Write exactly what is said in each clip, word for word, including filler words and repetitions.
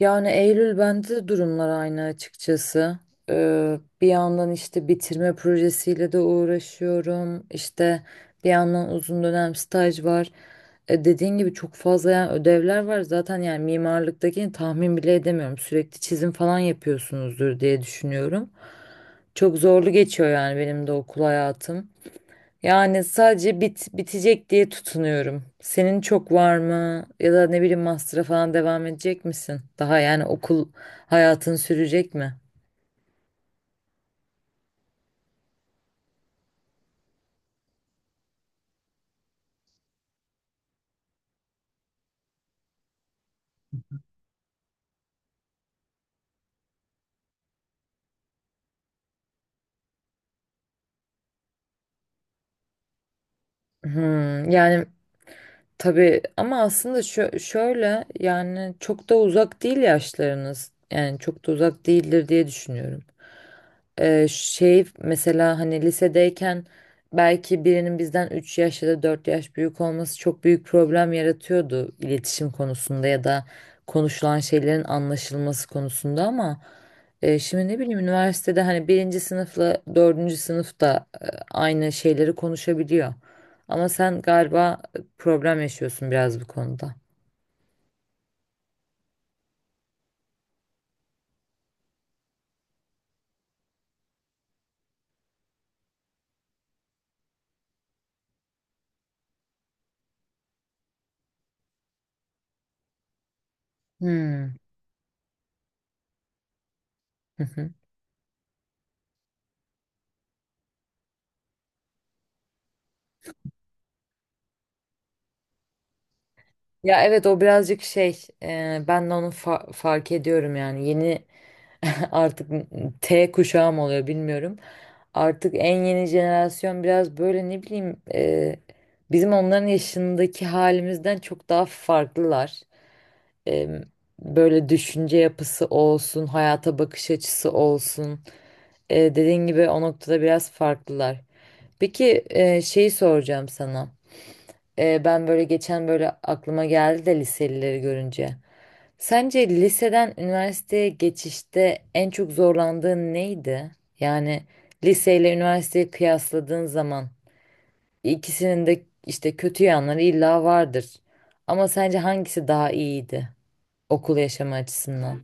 Yani Eylül bende de durumlar aynı açıkçası. Ee, bir yandan işte bitirme projesiyle de uğraşıyorum. İşte bir yandan uzun dönem staj var. E, dediğin gibi çok fazla yani ödevler var. Zaten yani mimarlıktakini tahmin bile edemiyorum. Sürekli çizim falan yapıyorsunuzdur diye düşünüyorum. Çok zorlu geçiyor yani benim de okul hayatım. Yani sadece bit bitecek diye tutunuyorum. Senin çok var mı? Ya da ne bileyim master'a falan devam edecek misin? Daha yani okul hayatın sürecek mi? Hmm, yani tabii ama aslında şö- şöyle yani çok da uzak değil yaşlarınız. Yani çok da uzak değildir diye düşünüyorum. Ee, şey mesela hani lisedeyken belki birinin bizden üç yaş ya da dört yaş büyük olması çok büyük problem yaratıyordu iletişim konusunda ya da konuşulan şeylerin anlaşılması konusunda ama e, şimdi ne bileyim üniversitede hani birinci sınıfla dördüncü sınıfta aynı şeyleri konuşabiliyor. Ama sen galiba e, problem yaşıyorsun biraz bu konuda. Hmm. Hı hı. Ya evet o birazcık şey e, ben de onu fa- fark ediyorum yani yeni artık T kuşağı mı oluyor bilmiyorum. Artık en yeni jenerasyon biraz böyle ne bileyim e, bizim onların yaşındaki halimizden çok daha farklılar. E, böyle düşünce yapısı olsun, hayata bakış açısı olsun. E, dediğin gibi o noktada biraz farklılar. Peki e, şeyi soracağım sana. E, ben böyle geçen böyle aklıma geldi de liselileri görünce. Sence liseden üniversiteye geçişte en çok zorlandığın neydi? Yani liseyle üniversiteyi kıyasladığın zaman ikisinin de işte kötü yanları illa vardır. Ama sence hangisi daha iyiydi okul yaşamı açısından?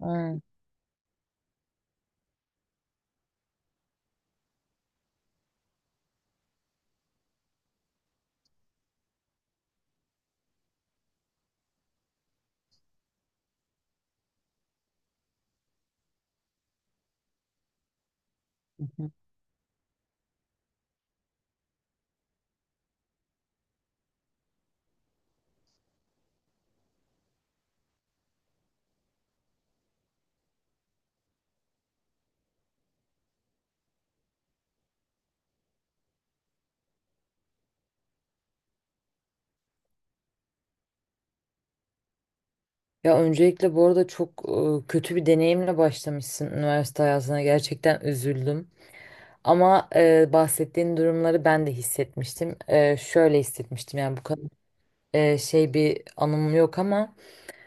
Hmm. Ya öncelikle bu arada çok e, kötü bir deneyimle başlamışsın üniversite hayatına. Gerçekten üzüldüm. Ama e, bahsettiğin durumları ben de hissetmiştim. E, şöyle hissetmiştim yani bu kadar e, şey bir anım yok ama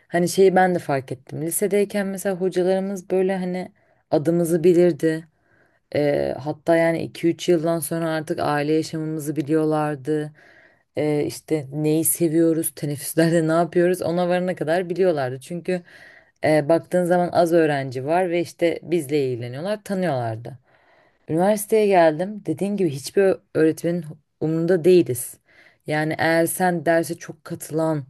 hani şeyi ben de fark ettim. Lisedeyken mesela hocalarımız böyle hani adımızı bilirdi. E, hatta yani iki üç yıldan sonra artık aile yaşamımızı biliyorlardı. E, işte neyi seviyoruz, teneffüslerde ne yapıyoruz ona varana kadar biliyorlardı. Çünkü e, baktığın zaman az öğrenci var ve işte bizle ilgileniyorlar, tanıyorlardı. Üniversiteye geldim. Dediğin gibi hiçbir ö- öğretmenin umrunda değiliz. Yani eğer sen derse çok katılan,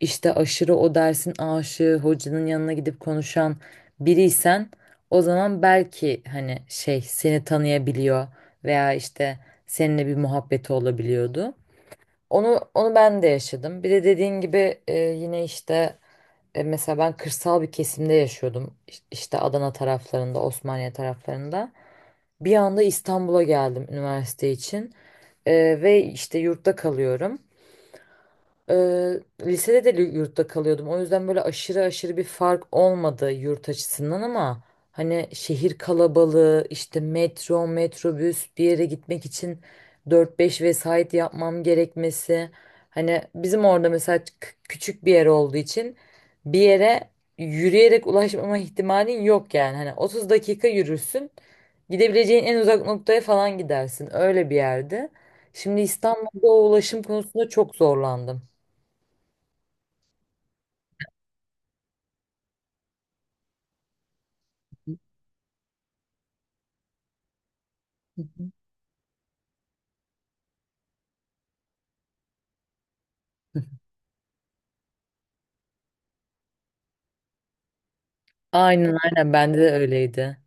işte aşırı o dersin aşığı, hocanın yanına gidip konuşan biriysen o zaman belki hani şey seni tanıyabiliyor veya işte seninle bir muhabbeti olabiliyordu. Onu onu ben de yaşadım. Bir de dediğin gibi e, yine işte e, mesela ben kırsal bir kesimde yaşıyordum. İş- İşte Adana taraflarında, Osmaniye taraflarında. Bir anda İstanbul'a geldim üniversite için. Ee, ve işte yurtta kalıyorum. Eee, lisede de yurtta kalıyordum. O yüzden böyle aşırı aşırı bir fark olmadı yurt açısından ama hani şehir kalabalığı, işte metro, metrobüs bir yere gitmek için dört beş vesait yapmam gerekmesi. Hani bizim orada mesela k- küçük bir yer olduğu için bir yere yürüyerek ulaşmama ihtimalin yok yani. Hani otuz dakika yürürsün. Gidebileceğin en uzak noktaya falan gidersin. Öyle bir yerde. Şimdi İstanbul'da o ulaşım konusunda çok zorlandım. Hı hı. Aynen aynen bende de öyleydi.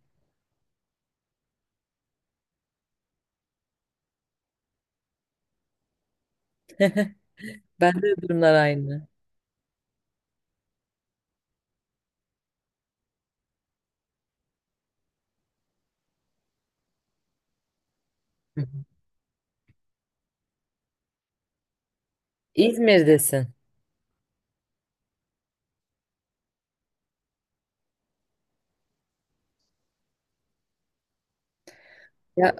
Bende de durumlar aynı. Hı hı. İzmir'desin. Ya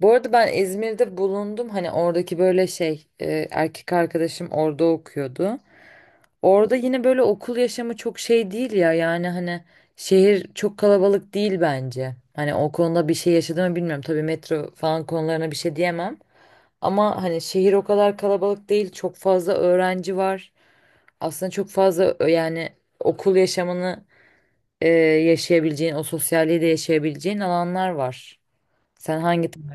bu arada ben İzmir'de bulundum. Hani oradaki böyle şey e, erkek arkadaşım orada okuyordu. Orada yine böyle okul yaşamı çok şey değil ya. Yani hani şehir çok kalabalık değil bence. Hani o konuda bir şey yaşadım mı bilmiyorum. Tabii metro falan konularına bir şey diyemem. Ama hani şehir o kadar kalabalık değil. Çok fazla öğrenci var. Aslında çok fazla ö- yani okul yaşamını e, yaşayabileceğin, o sosyalliği de yaşayabileceğin alanlar var. Sen hangi tarafı?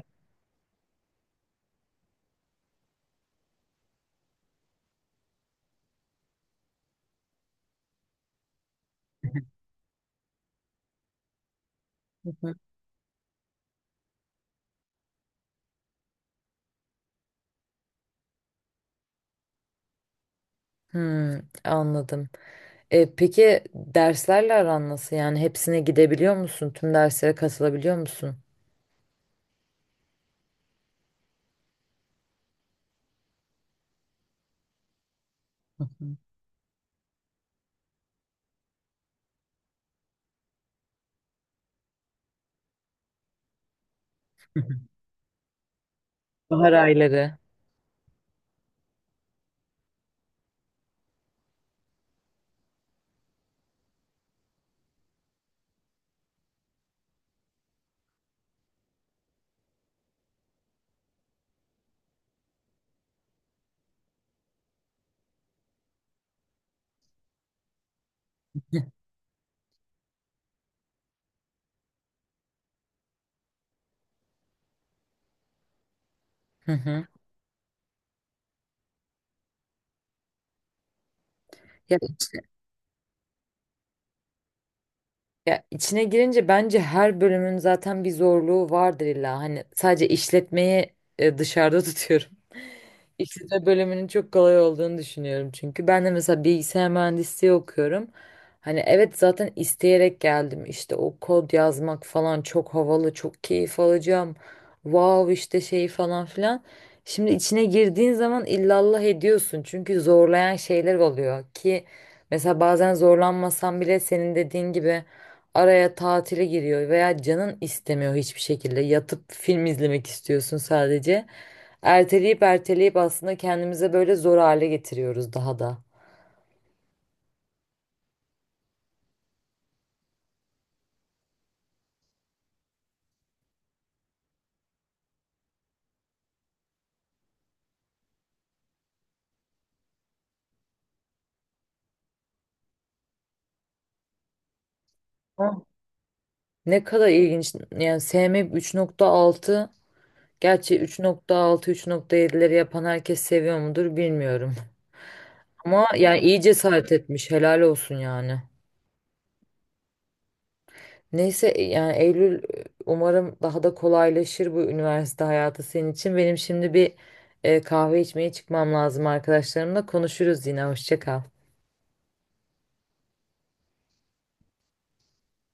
Hmm, anladım. E, peki derslerle aran nasıl? Yani hepsine gidebiliyor musun? Tüm derslere katılabiliyor musun? Hı hı. Bahar ayları. Hı hı. Ya, ya içine girince bence her bölümün zaten bir zorluğu vardır illa. Hani sadece işletmeyi e, dışarıda tutuyorum. İkisi de bölümünün çok kolay olduğunu düşünüyorum çünkü. Ben de mesela bilgisayar mühendisliği okuyorum. Hani evet zaten isteyerek geldim. İşte o kod yazmak falan çok havalı, çok keyif alacağım. Wow işte şey falan filan. Şimdi içine girdiğin zaman illallah ediyorsun. Çünkü zorlayan şeyler oluyor ki mesela bazen zorlanmasan bile senin dediğin gibi araya tatile giriyor veya canın istemiyor hiçbir şekilde. Yatıp film izlemek istiyorsun sadece. Erteleyip erteleyip aslında kendimize böyle zor hale getiriyoruz daha da. Hı. Ne kadar ilginç. Yani S M üç nokta altı gerçi üç nokta altı üç nokta yedileri yapan herkes seviyor mudur bilmiyorum. Ama yani iyi cesaret etmiş. Helal olsun yani. Neyse yani Eylül umarım daha da kolaylaşır bu üniversite hayatı senin için. Benim şimdi bir e, kahve içmeye çıkmam lazım arkadaşlarımla. Konuşuruz yine. Hoşça kal.